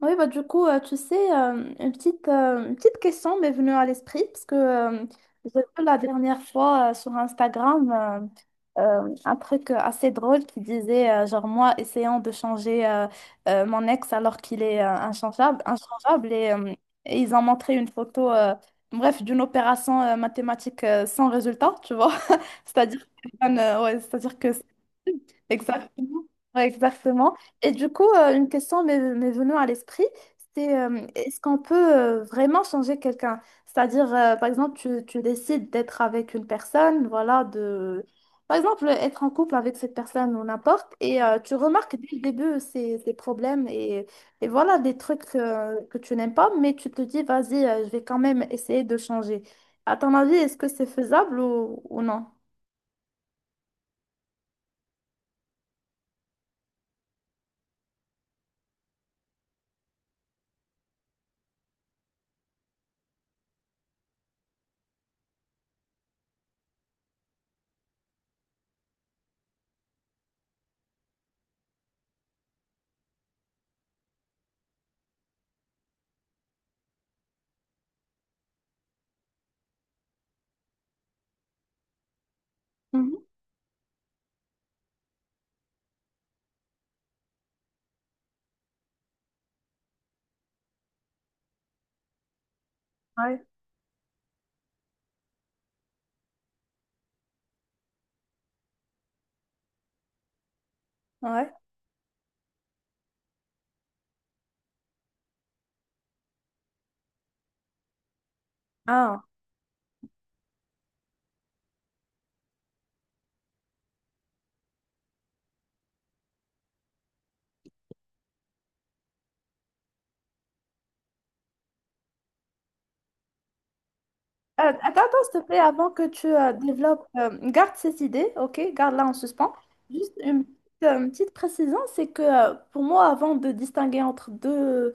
Oui, bah, du coup, tu sais, une petite question m'est venue à l'esprit parce que j'ai vu la dernière fois sur Instagram un truc assez drôle qui disait, genre moi, essayant de changer mon ex alors qu'il est inchangeable, inchangeable et ils ont montré une photo, bref, d'une opération mathématique sans résultat, tu vois. C'est-à-dire que, ouais, c'est-à-dire que exactement. Ouais, exactement. Et du coup, une question m'est venue à l'esprit, c'est est-ce qu'on peut vraiment changer quelqu'un? C'est-à-dire, par exemple, tu décides d'être avec une personne, voilà, de... Par exemple, être en couple avec cette personne ou n'importe, et tu remarques dès le début ses problèmes et voilà des trucs que tu n'aimes pas, mais tu te dis, vas-y, je vais quand même essayer de changer. À ton avis, est-ce que c'est faisable ou non? Mhm. Ouais. Ouais. Ah. Attends, attends, s'il te plaît, avant que tu développes, garde cette idée, ok? Garde-la en suspens. Juste une petite précision, c'est que pour moi, avant de distinguer entre deux,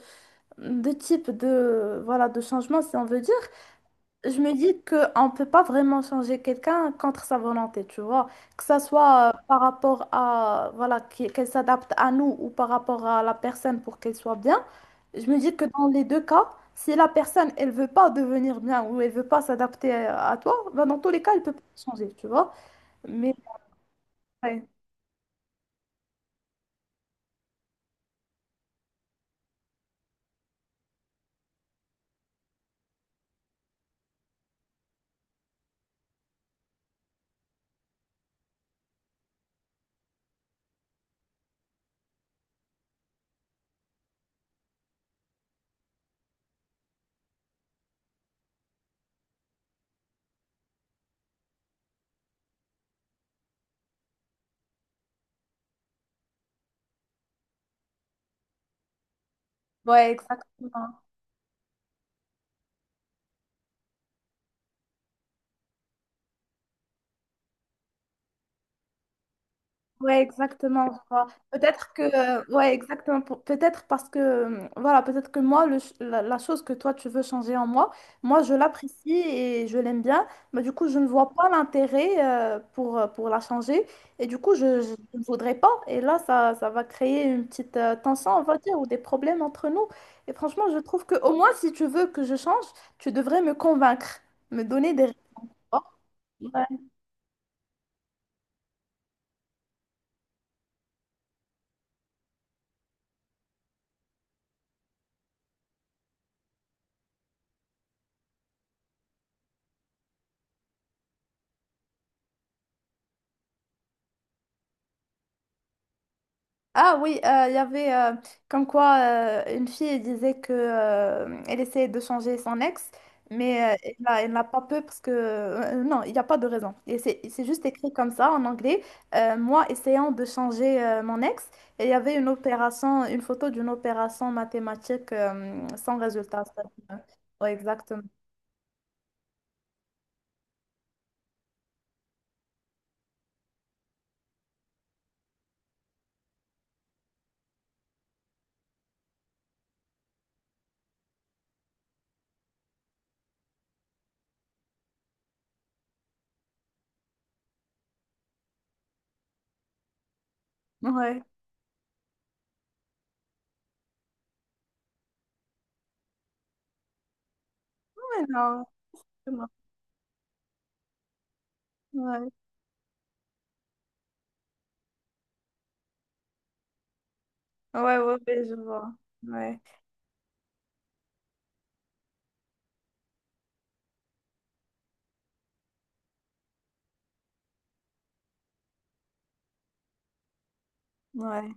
deux types de, voilà, de changements, si on veut dire, je me dis qu'on ne peut pas vraiment changer quelqu'un contre sa volonté, tu vois. Que ça soit par rapport à, voilà, qu'elle s'adapte à nous ou par rapport à la personne pour qu'elle soit bien. Je me dis que dans les deux cas, si la personne, elle veut pas devenir bien ou elle veut pas s'adapter à toi, ben dans tous les cas, elle peut pas changer, tu vois. Mais, ouais, ouais, exactement. Ouais, exactement. Voilà. Peut-être que, ouais, exactement. Peut-être parce que, voilà, peut-être que moi, la, la chose que toi, tu veux changer en moi, moi, je l'apprécie et je l'aime bien, mais du coup, je ne vois pas l'intérêt pour la changer. Et du coup, je ne voudrais pas. Et là, ça va créer une petite tension, on va dire, ou des problèmes entre nous. Et franchement, je trouve que au moins, si tu veux que je change, tu devrais me convaincre, me donner des raisons. Ah oui, il y avait comme quoi une fille disait que elle essayait de changer son ex, mais elle n'a pas peur parce que non, il n'y a pas de raison. Et c'est juste écrit comme ça en anglais. Moi essayant de changer mon ex, et il y avait une opération, une photo d'une opération mathématique sans résultat. Cest ouais, exactement. Ouais. Ouais, non. Non. Ouais. Ouais, ouais, ouais, je vois. Ouais. Ouais.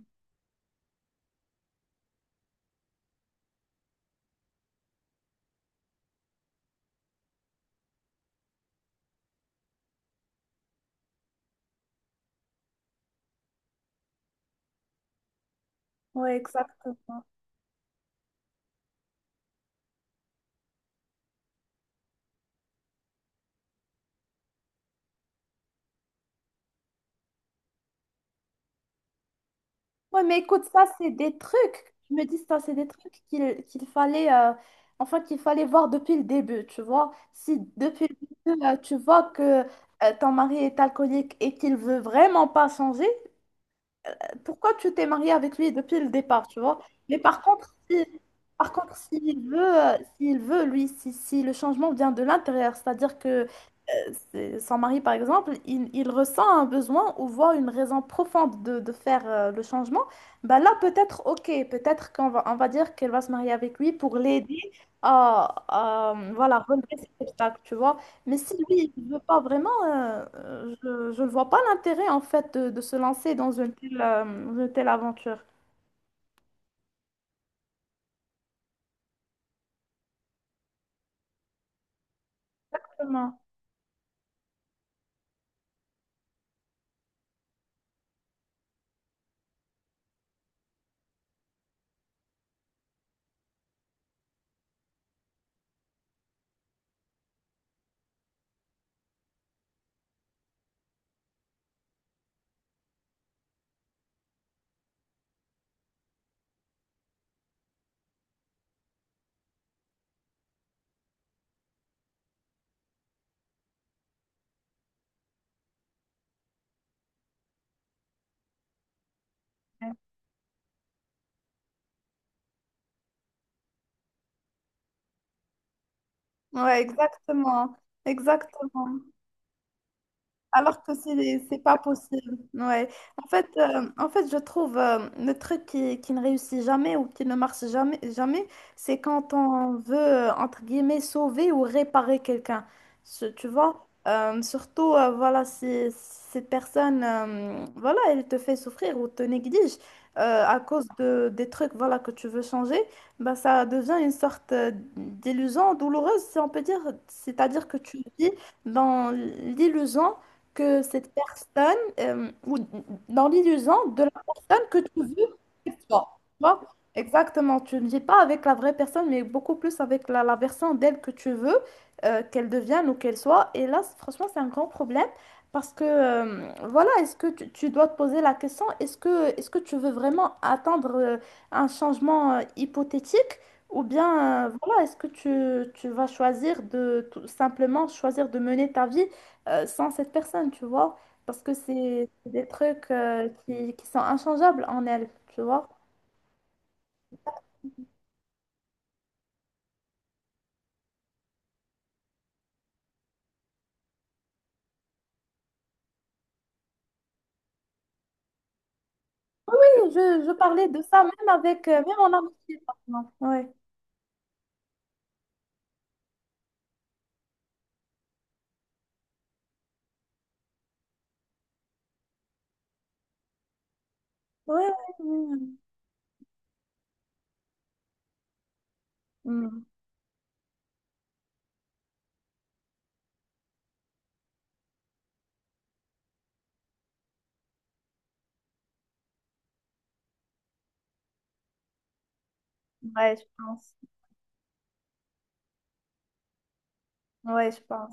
Ouais, exactement. Ouais, mais écoute, ça, c'est des trucs. Je me dis, ça, c'est des trucs qu'il fallait, enfin, qu'il fallait voir depuis le début, tu vois. Si depuis le début, tu vois que ton mari est alcoolique et qu'il veut vraiment pas changer, pourquoi tu t'es mariée avec lui depuis le départ, tu vois? Mais par contre, si, par contre, s'il veut, lui, si, si le changement vient de l'intérieur, c'est-à-dire que son mari, par exemple, il ressent un besoin ou voit une raison profonde de faire le changement, bah là, peut-être, ok, peut-être qu'on va, on va dire qu'elle va se marier avec lui pour l'aider à, voilà, relever cet obstacle, tu vois. Mais si lui, il ne veut pas vraiment, je ne vois pas l'intérêt, en fait, de se lancer dans une telle aventure. Exactement. Ouais, exactement. Exactement. Alors que c'est pas possible. Ouais. En fait, je trouve le truc qui ne réussit jamais ou qui ne marche jamais, jamais, c'est quand on veut, entre guillemets, sauver ou réparer quelqu'un. Tu vois? Surtout, voilà, si cette personne, voilà, elle te fait souffrir ou te néglige à cause de, des trucs, voilà, que tu veux changer, bah, ça devient une sorte d'illusion douloureuse, si on peut dire. C'est-à-dire que tu vis dans l'illusion que cette personne, ou dans l'illusion de la personne que tu veux qu'elle soit. Tu vois? Exactement, tu ne vis pas avec la vraie personne, mais beaucoup plus avec la, la version d'elle que tu veux qu'elle devienne ou qu'elle soit. Et là, franchement, c'est un grand problème parce que, voilà, est-ce que tu dois te poser la question, est-ce que tu veux vraiment attendre un changement hypothétique? Ou bien, voilà, est-ce que tu vas choisir de tout simplement choisir de mener ta vie sans cette personne, tu vois. Parce que c'est des trucs qui sont inchangeables en elle, tu vois. Oui, je parlais de ça même avec, même en amitié, par exemple. Ouais. Ouais, ouais, ouais. Mm. Ouais, je pense. Ouais, je pense.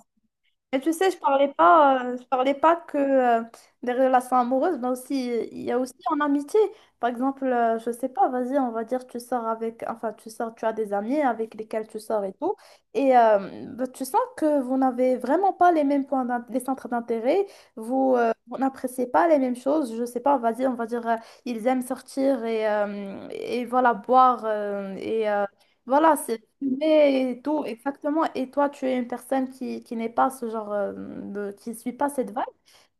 Et tu sais, je parlais pas que des relations amoureuses, mais aussi, il y a aussi en amitié. Par exemple, je sais pas, vas-y, on va dire, tu sors avec, enfin, tu sors, tu as des amis avec lesquels tu sors et tout. Et bah, tu sens que vous n'avez vraiment pas les mêmes points, les centres d'intérêt, vous n'appréciez pas les mêmes choses. Je sais pas, vas-y, on va dire, ils aiment sortir et voilà, boire et voilà, c'est fumé et tout, exactement. Et toi, tu es une personne qui n'est pas ce genre de, qui ne suit pas cette vibe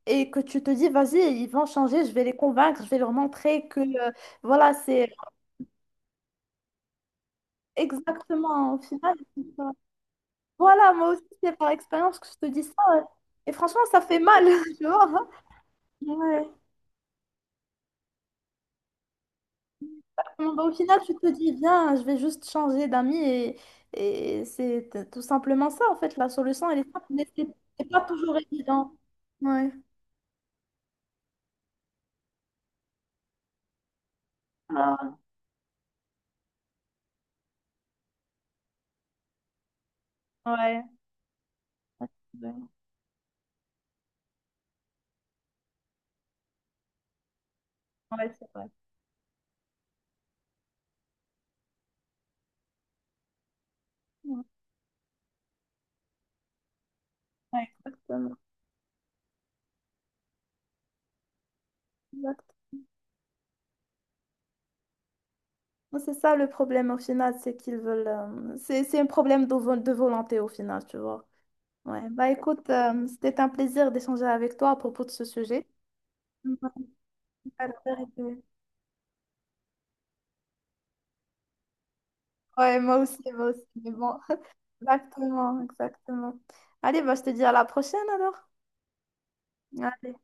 et que tu te dis, vas-y, ils vont changer, je vais les convaincre, je vais leur montrer que, voilà, c'est exactement, au final, c'est ça. Voilà, moi aussi, c'est par expérience que je te dis ça. Ouais. Et franchement, ça fait mal, tu vois. Hein. Ouais. Bon, bah, au final, tu te dis, viens, je vais juste changer d'amis et c'est tout simplement ça, en fait, la solution, elle est simple, mais c'est pas toujours évident. Ouais. Ah. Ouais, absolument. Ouais, c'est vrai. Ouais, exactement. Exact. C'est ça le problème au final, c'est qu'ils veulent. C'est un problème de, de volonté au final, tu vois. Ouais, bah écoute, c'était un plaisir d'échanger avec toi à propos de ce sujet. Ouais, la vérité. Ouais, moi aussi, moi aussi. Mais bon, exactement, exactement. Allez, bah je te dis à la prochaine alors. Allez.